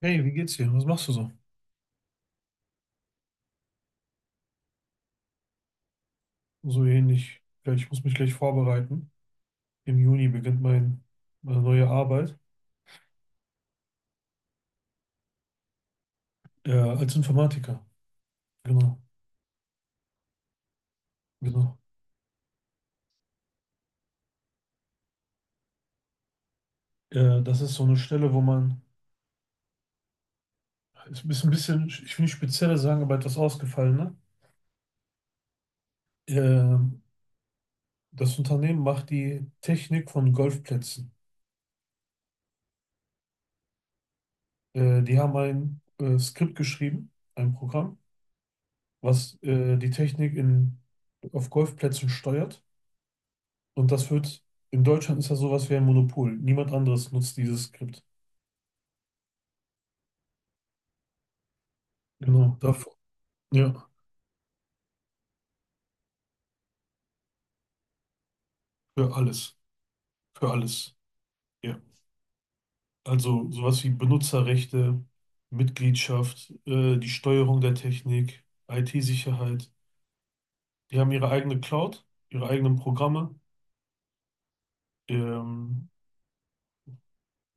Hey, wie geht's dir? Was machst du so? So ähnlich. Ja, ich muss mich gleich vorbereiten. Im Juni beginnt meine neue Arbeit, als Informatiker. Genau, genau. Das ist so eine Stelle, ist ein bisschen, ich will nicht spezieller sagen, aber etwas ausgefallener. Ähm, Das Unternehmen macht die Technik von Golfplätzen. Die haben ein Skript geschrieben, ein Programm, was die Technik in, auf Golfplätzen steuert. Und das wird, in Deutschland ist das sowas wie ein Monopol. Niemand anderes nutzt dieses Skript. Genau, dafür, ja, für alles, für alles. Ja. Also sowas wie Benutzerrechte, Mitgliedschaft, die Steuerung der Technik, IT-Sicherheit. Die haben ihre eigene Cloud, ihre eigenen Programme. Ähm,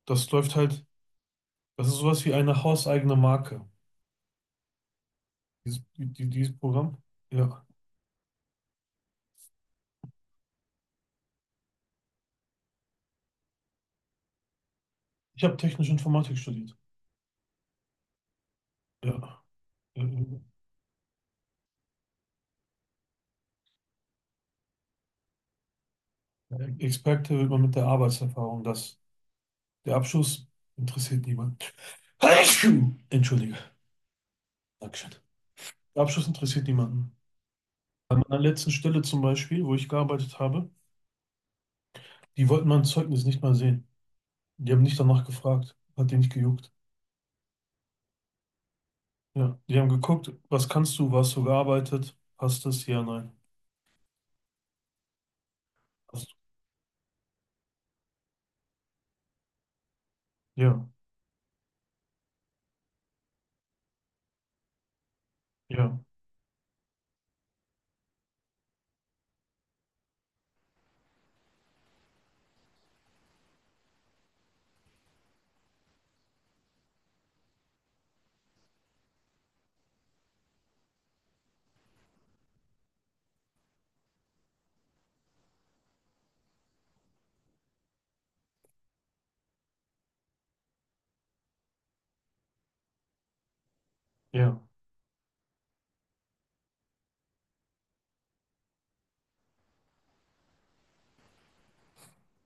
Das läuft halt, das ist sowas wie eine hauseigene Marke, dieses Programm. Ja. Ich habe technische Informatik studiert. Ja. Äh, Experte wird man mit der Arbeitserfahrung, das. Der Abschuss interessiert niemanden. Entschuldige. Dankeschön. Der Abschuss interessiert niemanden. An meiner letzten Stelle zum Beispiel, wo ich gearbeitet habe, die wollten mein Zeugnis nicht mal sehen. Die haben nicht danach gefragt. Hat die nicht gejuckt. Ja, die haben geguckt, was kannst du, wo hast du gearbeitet, hast das, ja, nein. Hast du. Ja, ja, ja.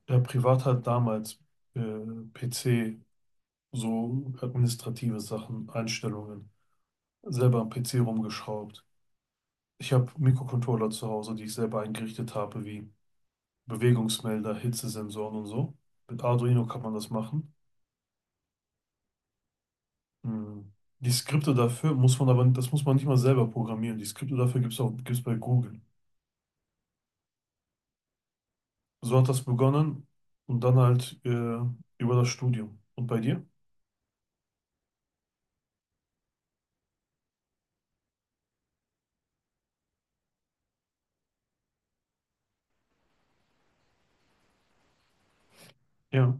Der Privat hat damals äh, PC, so administrative Sachen, Einstellungen, selber am PC rumgeschraubt. Ich habe Mikrocontroller zu Hause, die ich selber eingerichtet habe, wie Bewegungsmelder, Hitzesensoren und so. Mit Arduino kann man das machen. Hm. Die Skripte dafür muss man aber, das muss man nicht mal selber programmieren. Die Skripte dafür gibt es auch, gibt's bei Google. So hat das begonnen und dann halt über das Studium. Und bei dir? Ja,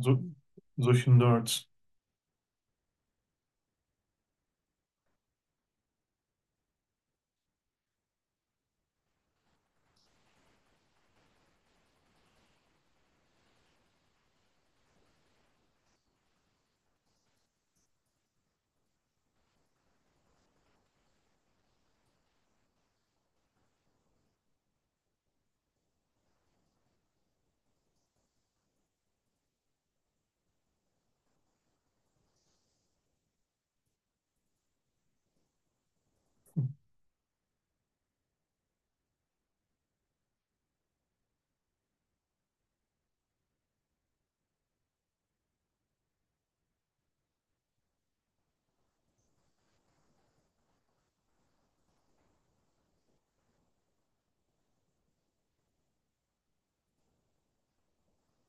so, solche Nerds.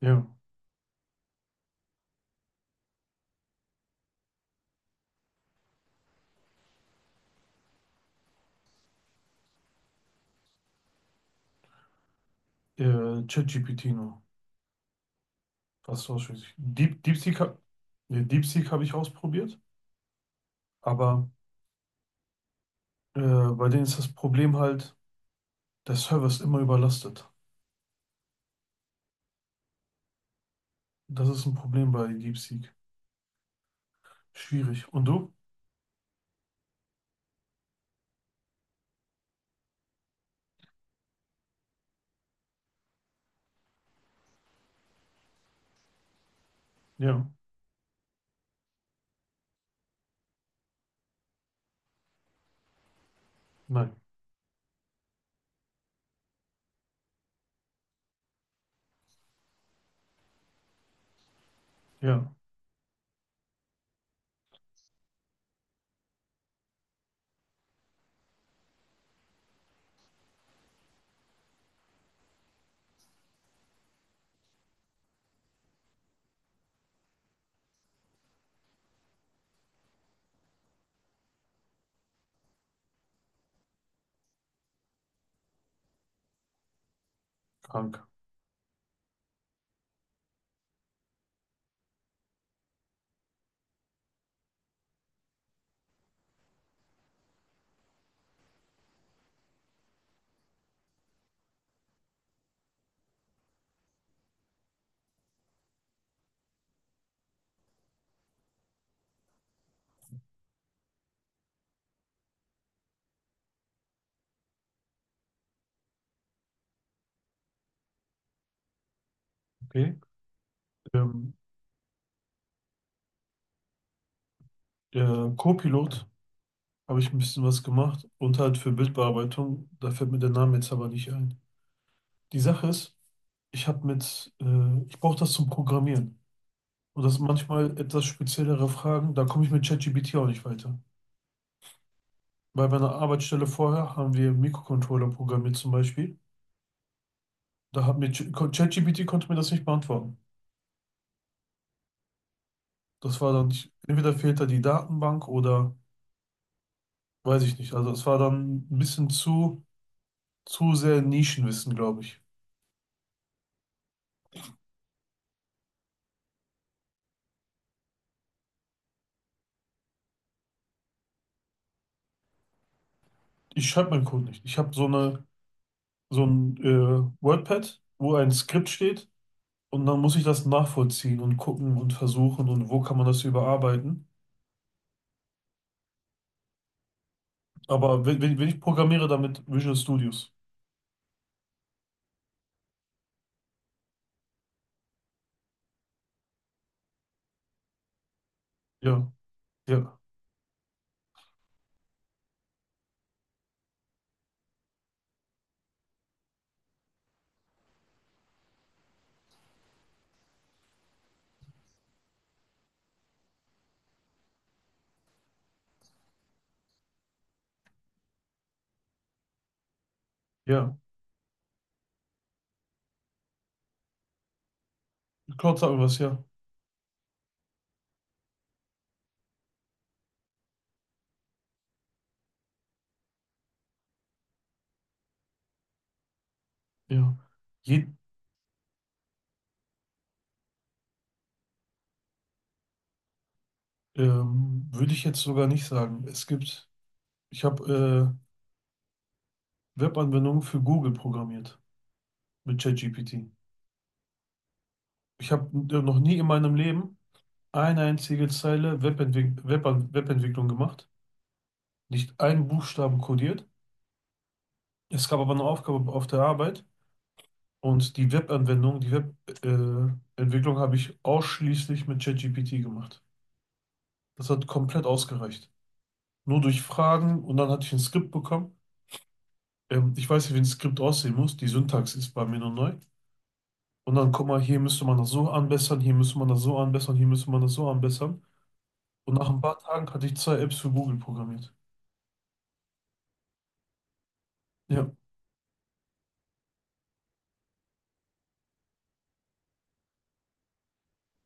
Ja, ChatGPT nur. Fast ausschließlich. DeepSeek, nee, DeepSeek habe ich ausprobiert, aber bei denen ist das Problem halt, der Server ist immer überlastet. Das ist ein Problem bei DeepSeek. Schwierig. Und du? Ja, nein, ja, krank. Okay. Ähm, Copilot habe ich ein bisschen was gemacht und halt für Bildbearbeitung. Da fällt mir der Name jetzt aber nicht ein. Die Sache ist, ich brauche das zum Programmieren. Und das sind manchmal etwas speziellere Fragen. Da komme ich mit ChatGPT auch nicht weiter. Bei meiner Arbeitsstelle vorher haben wir Mikrocontroller programmiert zum Beispiel. Da hat mir ChatGPT konnte mir das nicht beantworten. Das war dann nicht, entweder fehlt da die Datenbank oder weiß ich nicht. Also es war dann ein bisschen zu sehr Nischenwissen, glaube ich. Ich schreibe meinen Code nicht. Ich habe so eine, so ein WordPad, wo ein Skript steht und dann muss ich das nachvollziehen und gucken und versuchen und wo kann man das überarbeiten. Aber wenn ich programmiere damit Visual Studios. Ja, ja, ja. Claude sagt mir was, ja. Ja. Je, würde ich jetzt sogar nicht sagen. Es gibt, ich habe Webanwendung für Google programmiert mit ChatGPT. Ich habe noch nie in meinem Leben eine einzige Zeile Webentwicklung gemacht, nicht einen Buchstaben codiert. Es gab aber eine Aufgabe auf der Arbeit und die Webanwendung, die Webentwicklung Entwicklung habe ich ausschließlich mit ChatGPT gemacht. Das hat komplett ausgereicht. Nur durch Fragen und dann hatte ich ein Skript bekommen. Ich weiß nicht, wie ein Skript aussehen muss. Die Syntax ist bei mir noch neu. Und dann, guck mal, hier müsste man das so anbessern, hier müsste man das so anbessern, hier müsste man das so anbessern. Und nach ein paar Tagen hatte ich zwei Apps für Google programmiert. Ja,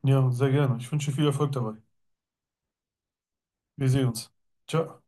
ja, sehr gerne. Ich wünsche dir viel Erfolg dabei. Wir sehen uns. Ciao.